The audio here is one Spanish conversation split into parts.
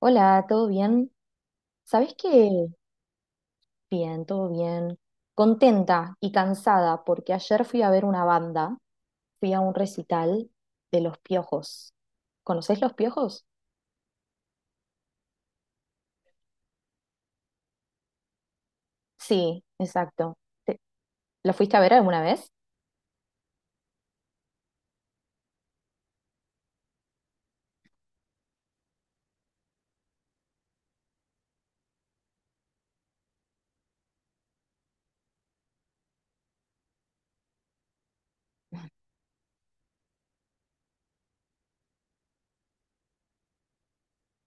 Hola, ¿todo bien? ¿Sabés qué? Bien, todo bien. Contenta y cansada porque ayer fui a ver una banda, fui a un recital de Los Piojos. ¿Conocés Los Piojos? Sí, exacto. Te- ¿Lo fuiste a ver alguna vez?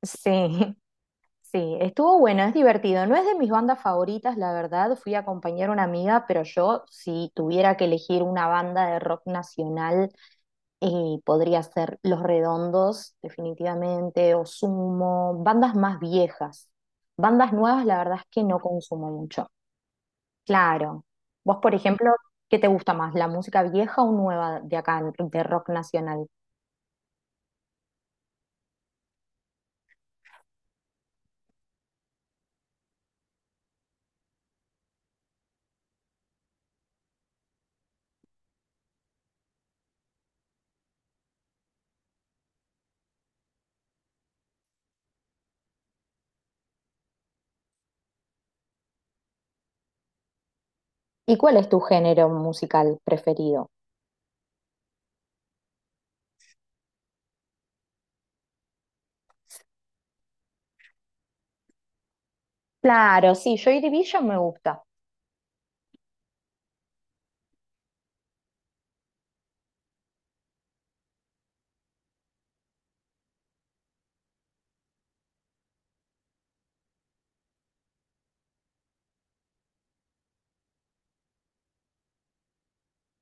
Sí, sí, estuvo bueno, es divertido. No es de mis bandas favoritas, la verdad. Fui a acompañar a una amiga, pero yo, si tuviera que elegir una banda de rock nacional, y podría ser Los Redondos, definitivamente, o Sumo, bandas más viejas. Bandas nuevas, la verdad es que no consumo mucho. Claro. Vos, por ejemplo, ¿qué te gusta más, la música vieja o nueva de acá, de rock nacional? ¿Y cuál es tu género musical preferido? Claro, sí, Joy Division me gusta.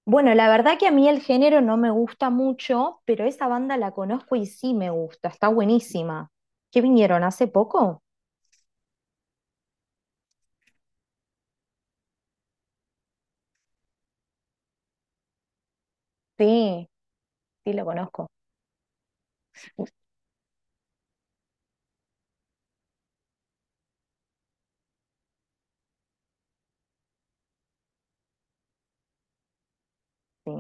Bueno, la verdad que a mí el género no me gusta mucho, pero esa banda la conozco y sí me gusta, está buenísima. ¿Qué vinieron hace poco? Sí, sí, lo conozco. Sí,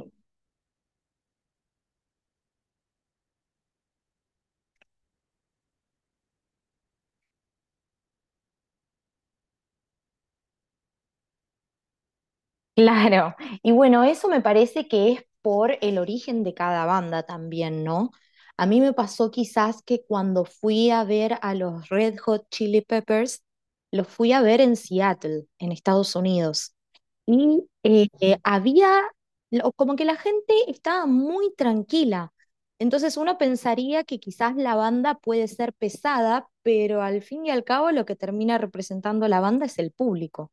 claro. Y bueno, eso me parece que es por el origen de cada banda también, ¿no? A mí me pasó quizás que cuando fui a ver a los Red Hot Chili Peppers, los fui a ver en Seattle, en Estados Unidos. Y había, como que la gente estaba muy tranquila. Entonces uno pensaría que quizás la banda puede ser pesada, pero al fin y al cabo lo que termina representando la banda es el público.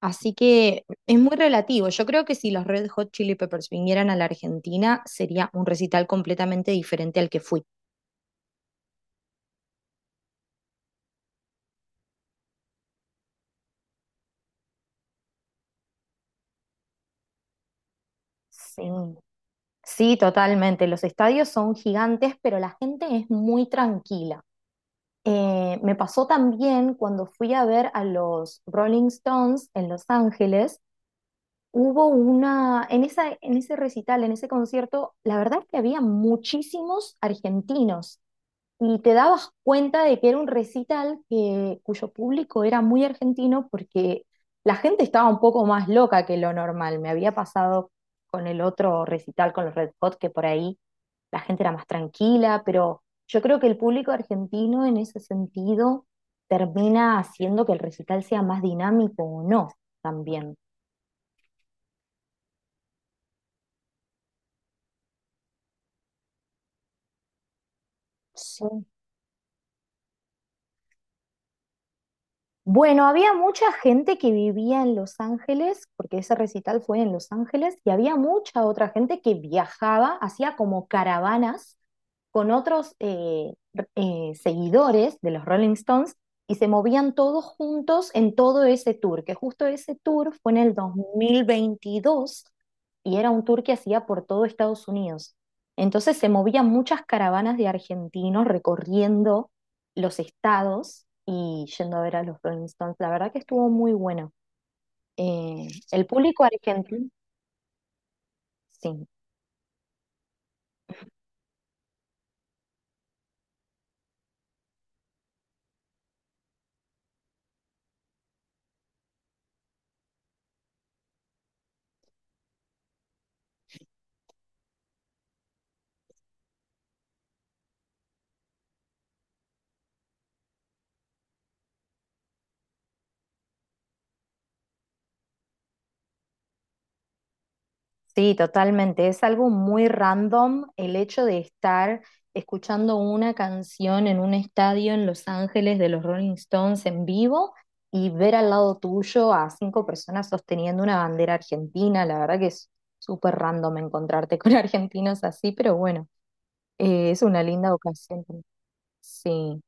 Así que es muy relativo. Yo creo que si los Red Hot Chili Peppers vinieran a la Argentina, sería un recital completamente diferente al que fui. Sí, sí, totalmente. Los estadios son gigantes, pero la gente es muy tranquila. Me pasó también cuando fui a ver a los Rolling Stones en Los Ángeles. En esa, en ese recital, en ese concierto, la verdad es que había muchísimos argentinos, y te dabas cuenta de que era un recital que, cuyo público era muy argentino porque la gente estaba un poco más loca que lo normal. Me había pasado con el otro recital, con los Red Hot, que por ahí la gente era más tranquila, pero yo creo que el público argentino en ese sentido termina haciendo que el recital sea más dinámico o no también. Sí. Bueno, había mucha gente que vivía en Los Ángeles, porque ese recital fue en Los Ángeles, y había mucha otra gente que viajaba, hacía como caravanas con otros seguidores de los Rolling Stones y se movían todos juntos en todo ese tour, que justo ese tour fue en el 2022 y era un tour que hacía por todo Estados Unidos. Entonces se movían muchas caravanas de argentinos recorriendo los estados y yendo a ver a los Rolling Stones. La verdad que estuvo muy bueno. El público argentino, sí, sí, totalmente. Es algo muy random el hecho de estar escuchando una canción en un estadio en Los Ángeles de los Rolling Stones en vivo y ver al lado tuyo a cinco personas sosteniendo una bandera argentina. La verdad que es súper random encontrarte con argentinos así, pero bueno, es una linda ocasión. Sí.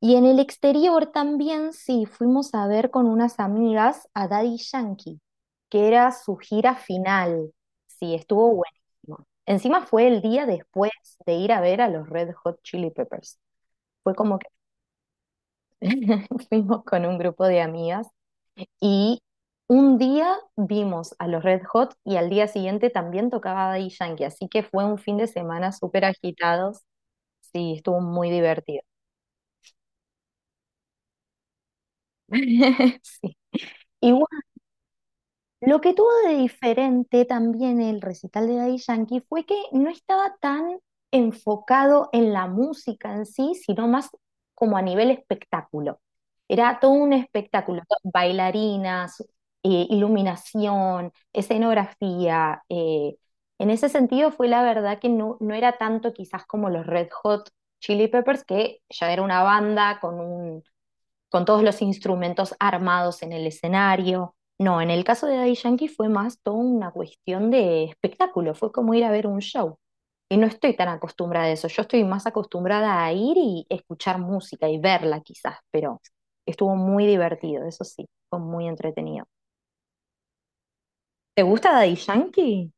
Y en el exterior también sí, fuimos a ver con unas amigas a Daddy Yankee, que era su gira final. Sí, estuvo buenísimo. Encima fue el día después de ir a ver a los Red Hot Chili Peppers. Fue como que fuimos con un grupo de amigas y un día vimos a los Red Hot y al día siguiente también tocaba Daddy Yankee, así que fue un fin de semana súper agitados. Sí, estuvo muy divertido. Sí. Igual lo que tuvo de diferente también el recital de Daddy Yankee fue que no estaba tan enfocado en la música en sí, sino más como a nivel espectáculo. Era todo un espectáculo, bailarinas, iluminación, escenografía. En ese sentido fue la verdad que no era tanto quizás como los Red Hot Chili Peppers, que ya era una banda con todos los instrumentos armados en el escenario. No, en el caso de Daddy Yankee fue más toda una cuestión de espectáculo, fue como ir a ver un show. Y no estoy tan acostumbrada a eso, yo estoy más acostumbrada a ir y escuchar música y verla quizás, pero estuvo muy divertido, eso sí, fue muy entretenido. ¿Te gusta Daddy Yankee?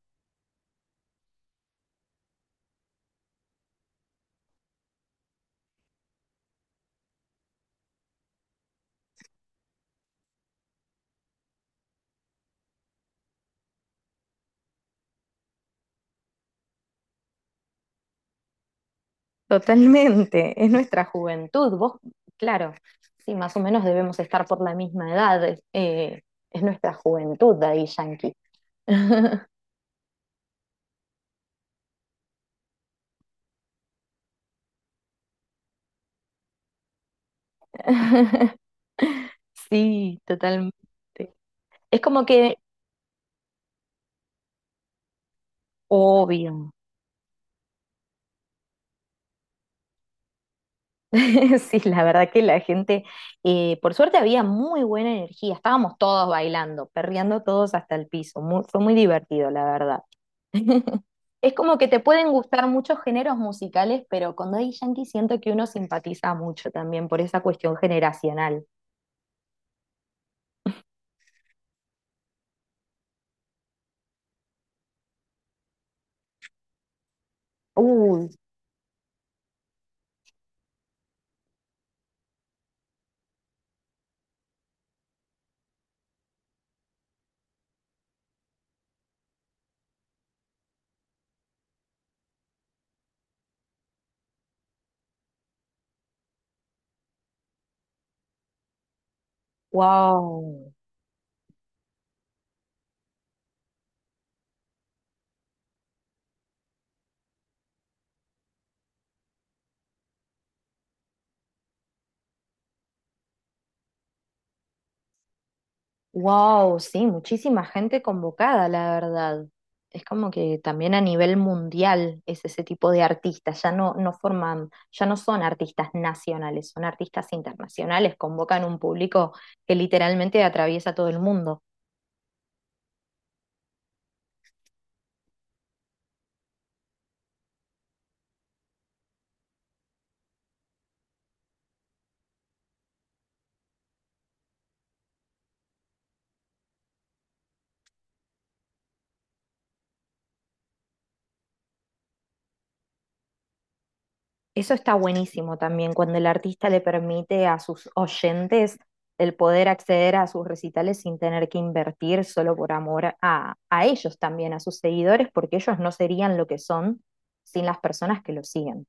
Totalmente, es nuestra juventud, vos, claro, sí, más o menos debemos estar por la misma edad, es nuestra juventud Daddy Yankee. Sí, totalmente. Es como que, obvio, sí, la verdad que la gente, por suerte había muy buena energía, estábamos todos bailando, perreando todos hasta el piso, fue muy divertido, la verdad. Es como que te pueden gustar muchos géneros musicales, pero con Daddy Yankee siento que uno simpatiza mucho también por esa cuestión generacional. Uy, wow. Wow, sí, muchísima gente convocada, la verdad. Es como que también a nivel mundial es ese tipo de artistas, ya no forman, ya no son artistas nacionales, son artistas internacionales, convocan un público que literalmente atraviesa todo el mundo. Eso está buenísimo también, cuando el artista le permite a sus oyentes el poder acceder a sus recitales sin tener que invertir solo por amor a ellos también, a sus seguidores, porque ellos no serían lo que son sin las personas que los siguen.